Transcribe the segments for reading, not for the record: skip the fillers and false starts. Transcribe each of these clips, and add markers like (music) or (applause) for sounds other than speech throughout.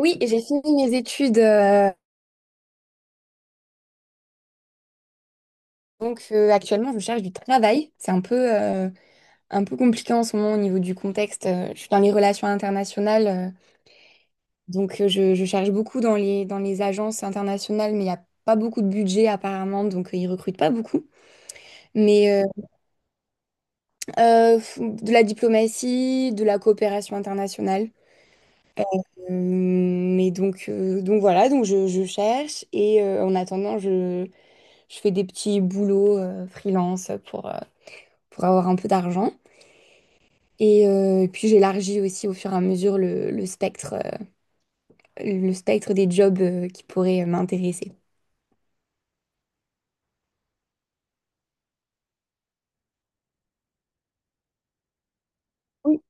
Oui, j'ai fini mes études. Actuellement, je cherche du travail. C'est un peu compliqué en ce moment au niveau du contexte. Je suis dans les relations internationales. Je cherche beaucoup dans les agences internationales, mais il n'y a pas beaucoup de budget apparemment. Ils recrutent pas beaucoup. Mais euh, de la diplomatie, de la coopération internationale. Voilà, je cherche. En attendant, je fais des petits boulots freelance pour avoir un peu d'argent. Puis j'élargis aussi au fur et à mesure le, le spectre des jobs qui pourraient m'intéresser. Oui.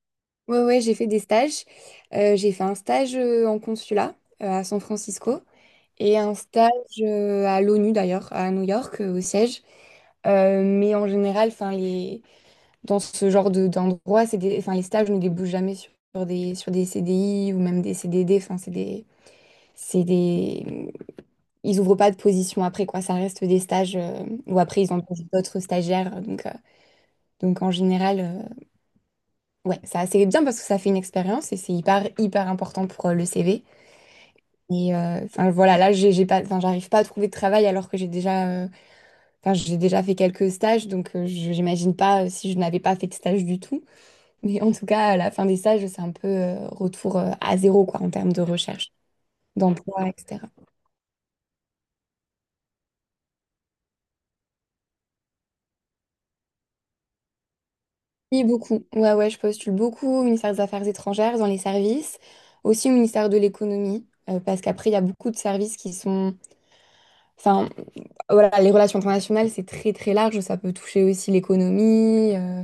Ouais, ouais, j'ai fait des stages. J'ai fait un stage en consulat à San Francisco et un stage à l'ONU d'ailleurs, à New York, au siège. Mais en général, enfin, les... dans ce genre de, d'endroit, c'est des... enfin, les stages ne débouchent jamais sur, sur des CDI ou même des CDD. Enfin, c'est des... C'est des... ils ouvrent pas de position après, quoi. Ça reste des stages où après, ils ont d'autres stagiaires. Donc en général, ouais, ça c'est bien parce que ça fait une expérience et c'est hyper, hyper important pour le CV. Enfin, voilà, là, j'ai pas, enfin, j'arrive pas à trouver de travail alors que j'ai déjà, enfin, j'ai déjà fait quelques stages. Donc j'imagine pas si je n'avais pas fait de stage du tout. Mais en tout cas, à la fin des stages, c'est un peu retour à zéro, quoi, en termes de recherche, d'emploi, etc. Oui, beaucoup. Ouais, ouais, je postule beaucoup au ministère des Affaires étrangères, dans les services, aussi au ministère de l'économie, parce qu'après, il y a beaucoup de services qui sont... Enfin, voilà, les relations internationales, c'est très, très large. Ça peut toucher aussi l'économie,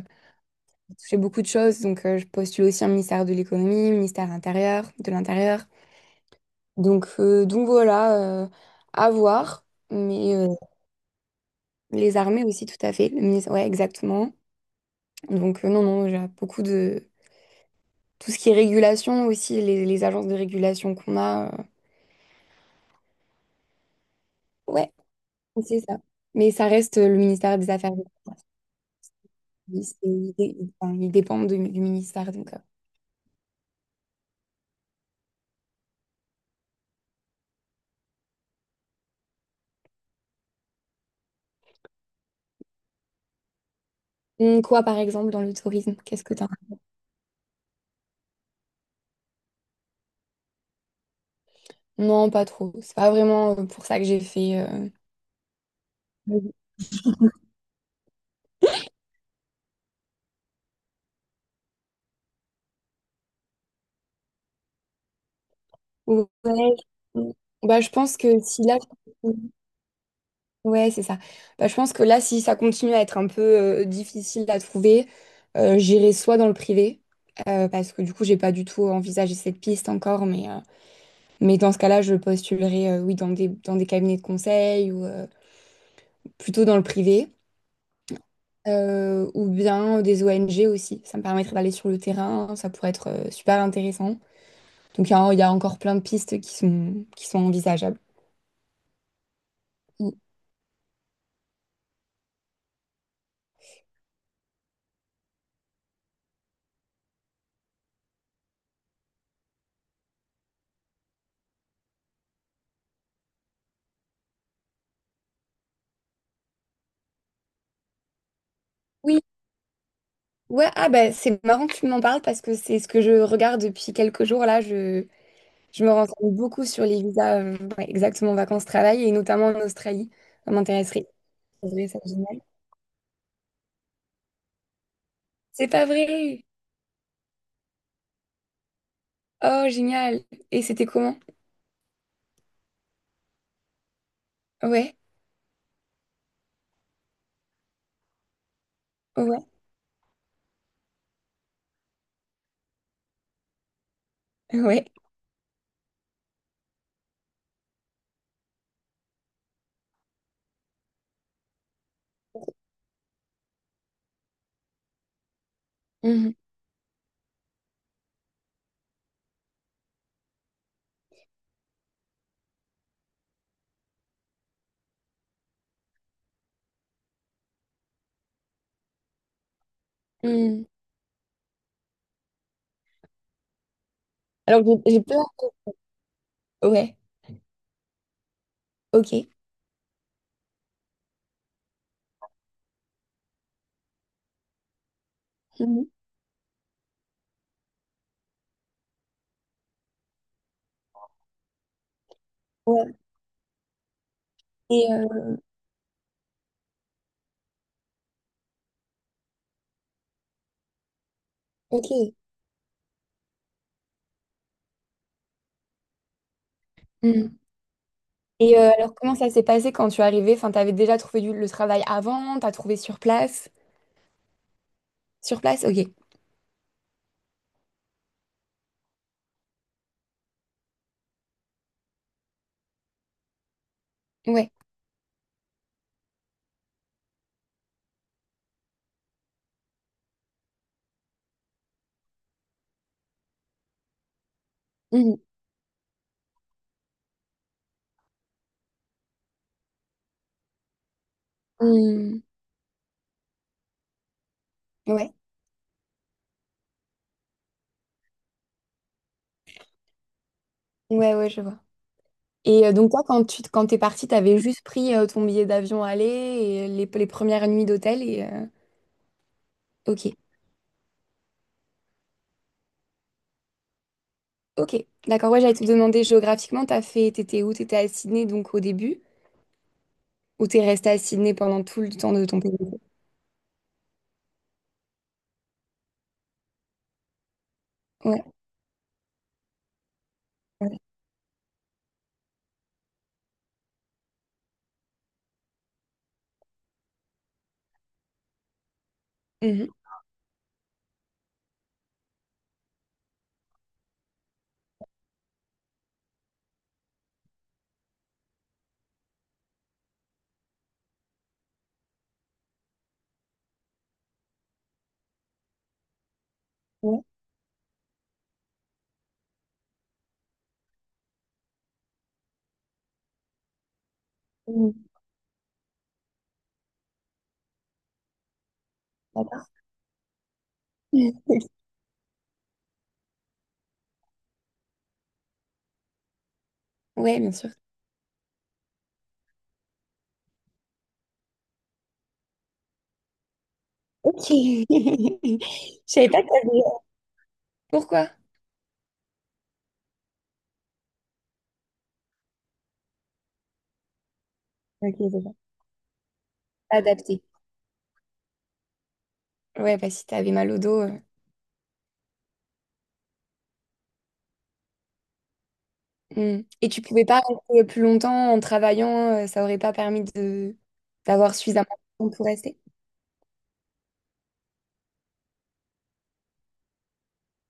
toucher beaucoup de choses. Donc, je postule aussi un ministère de l'économie, ministère intérieur, de l'intérieur. Donc, voilà, à voir. Mais euh, les armées aussi, tout à fait. Le ministère... Ouais, exactement. Donc, non, non, j'ai beaucoup de... tout ce qui est régulation aussi, les agences de régulation qu'on a. Ouais, c'est ça. Mais ça reste le ministère des Affaires étrangères. Il, c'est- il dé- il- Enfin, il dépend du ministère. Quoi, par exemple, dans le tourisme? Qu'est-ce que t'as? Non, pas trop. C'est pas vraiment pour ça que j'ai fait. Ouais. Ouais. Bah, je pense que si là, Ouais, c'est ça. Bah, je pense que là, si ça continue à être un peu difficile à trouver, j'irai soit dans le privé, parce que du coup, j'ai pas du tout envisagé cette piste encore, mais mais dans ce cas-là, je postulerai oui, dans des cabinets de conseil ou plutôt dans le privé, ou bien des ONG aussi. Ça me permettrait d'aller sur le terrain, ça pourrait être super intéressant. Donc, il y a encore plein de pistes qui sont envisageables. Oui, ouais, ah bah, c'est marrant que tu m'en parles parce que c'est ce que je regarde depuis quelques jours là. Je me renseigne beaucoup sur les visas, ouais, exactement vacances-travail et notamment en Australie. Ça m'intéresserait. C'est vrai, ça, génial. C'est pas vrai! Oh, génial! Et c'était comment? Ouais, ouais, ouais. Mhm, mhm. J'ai peur. Ouais, ok. Mhm. Ouais. Et euh, ok. Mhm. Alors comment ça s'est passé quand tu es arrivée? Enfin, t'avais déjà trouvé du- le travail avant, t'as trouvé sur place? Sur place, ok. Ouais. Hmm. Ouais, ouais, ouais, je vois. Donc toi, quand t'es partie, t'avais juste pris ton billet d'avion aller et les premières nuits d'hôtel et ok, ok, d'accord. Ouais, j'allais te demander géographiquement, t'étais où? T'étais à Sydney donc au début ou t'es restée à Sydney pendant tout le temps de ton pays? Ouais, ouais. Mhm. Ouais, mm, d'accord. (laughs) Ouais, bien sûr. Ok. (laughs) Je savais pas que t'avais... Pourquoi? Ok, c'est bon. Adapté. Ouais, bah si t'avais mal au dos. Mm. Et tu pouvais pas rester plus longtemps en travaillant, ça aurait pas permis de d'avoir suffisamment de temps pour rester.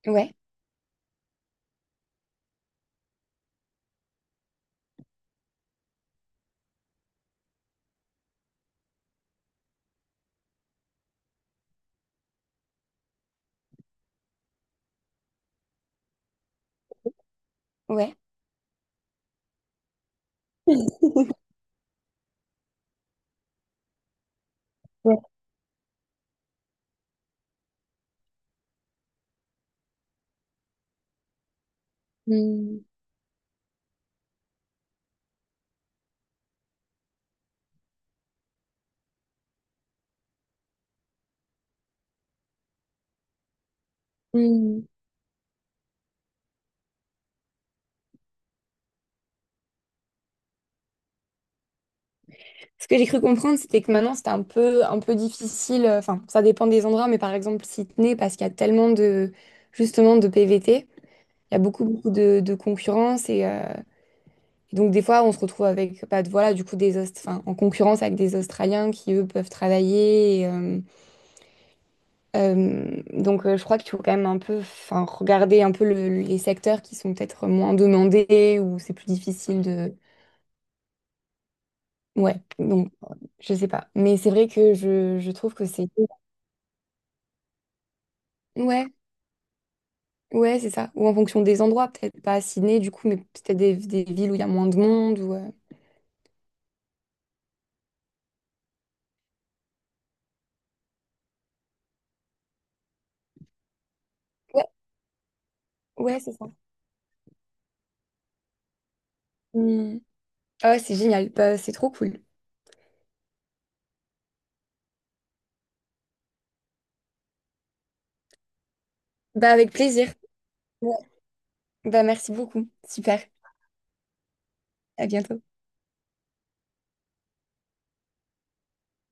Ouais, ouais. (laughs) Ouais. Mm. Mm. Ce que j'ai cru comprendre, c'était que maintenant c'était un peu difficile. Enfin, ça dépend des endroits, mais par exemple Sydney, parce qu'il y a tellement de justement de PVT, il y a beaucoup beaucoup de concurrence et donc des fois on se retrouve avec bah, voilà du coup des enfin, en concurrence avec des Australiens qui eux peuvent travailler. Je crois qu'il faut quand même un peu, enfin, regarder un peu les secteurs qui sont peut-être moins demandés ou c'est plus difficile de. Ouais, donc, je sais pas. Mais c'est vrai que je trouve que c'est. Ouais, ouais, c'est ça. Ou en fonction des endroits, peut-être pas à Sydney, du coup, mais peut-être des villes où il y a moins de monde ou. Ouais, ouais, c'est ça. Hmm. Ah ouais, c'est génial. Bah, c'est trop cool. Bah, avec plaisir. Ouais. Bah, merci beaucoup. Super. À bientôt.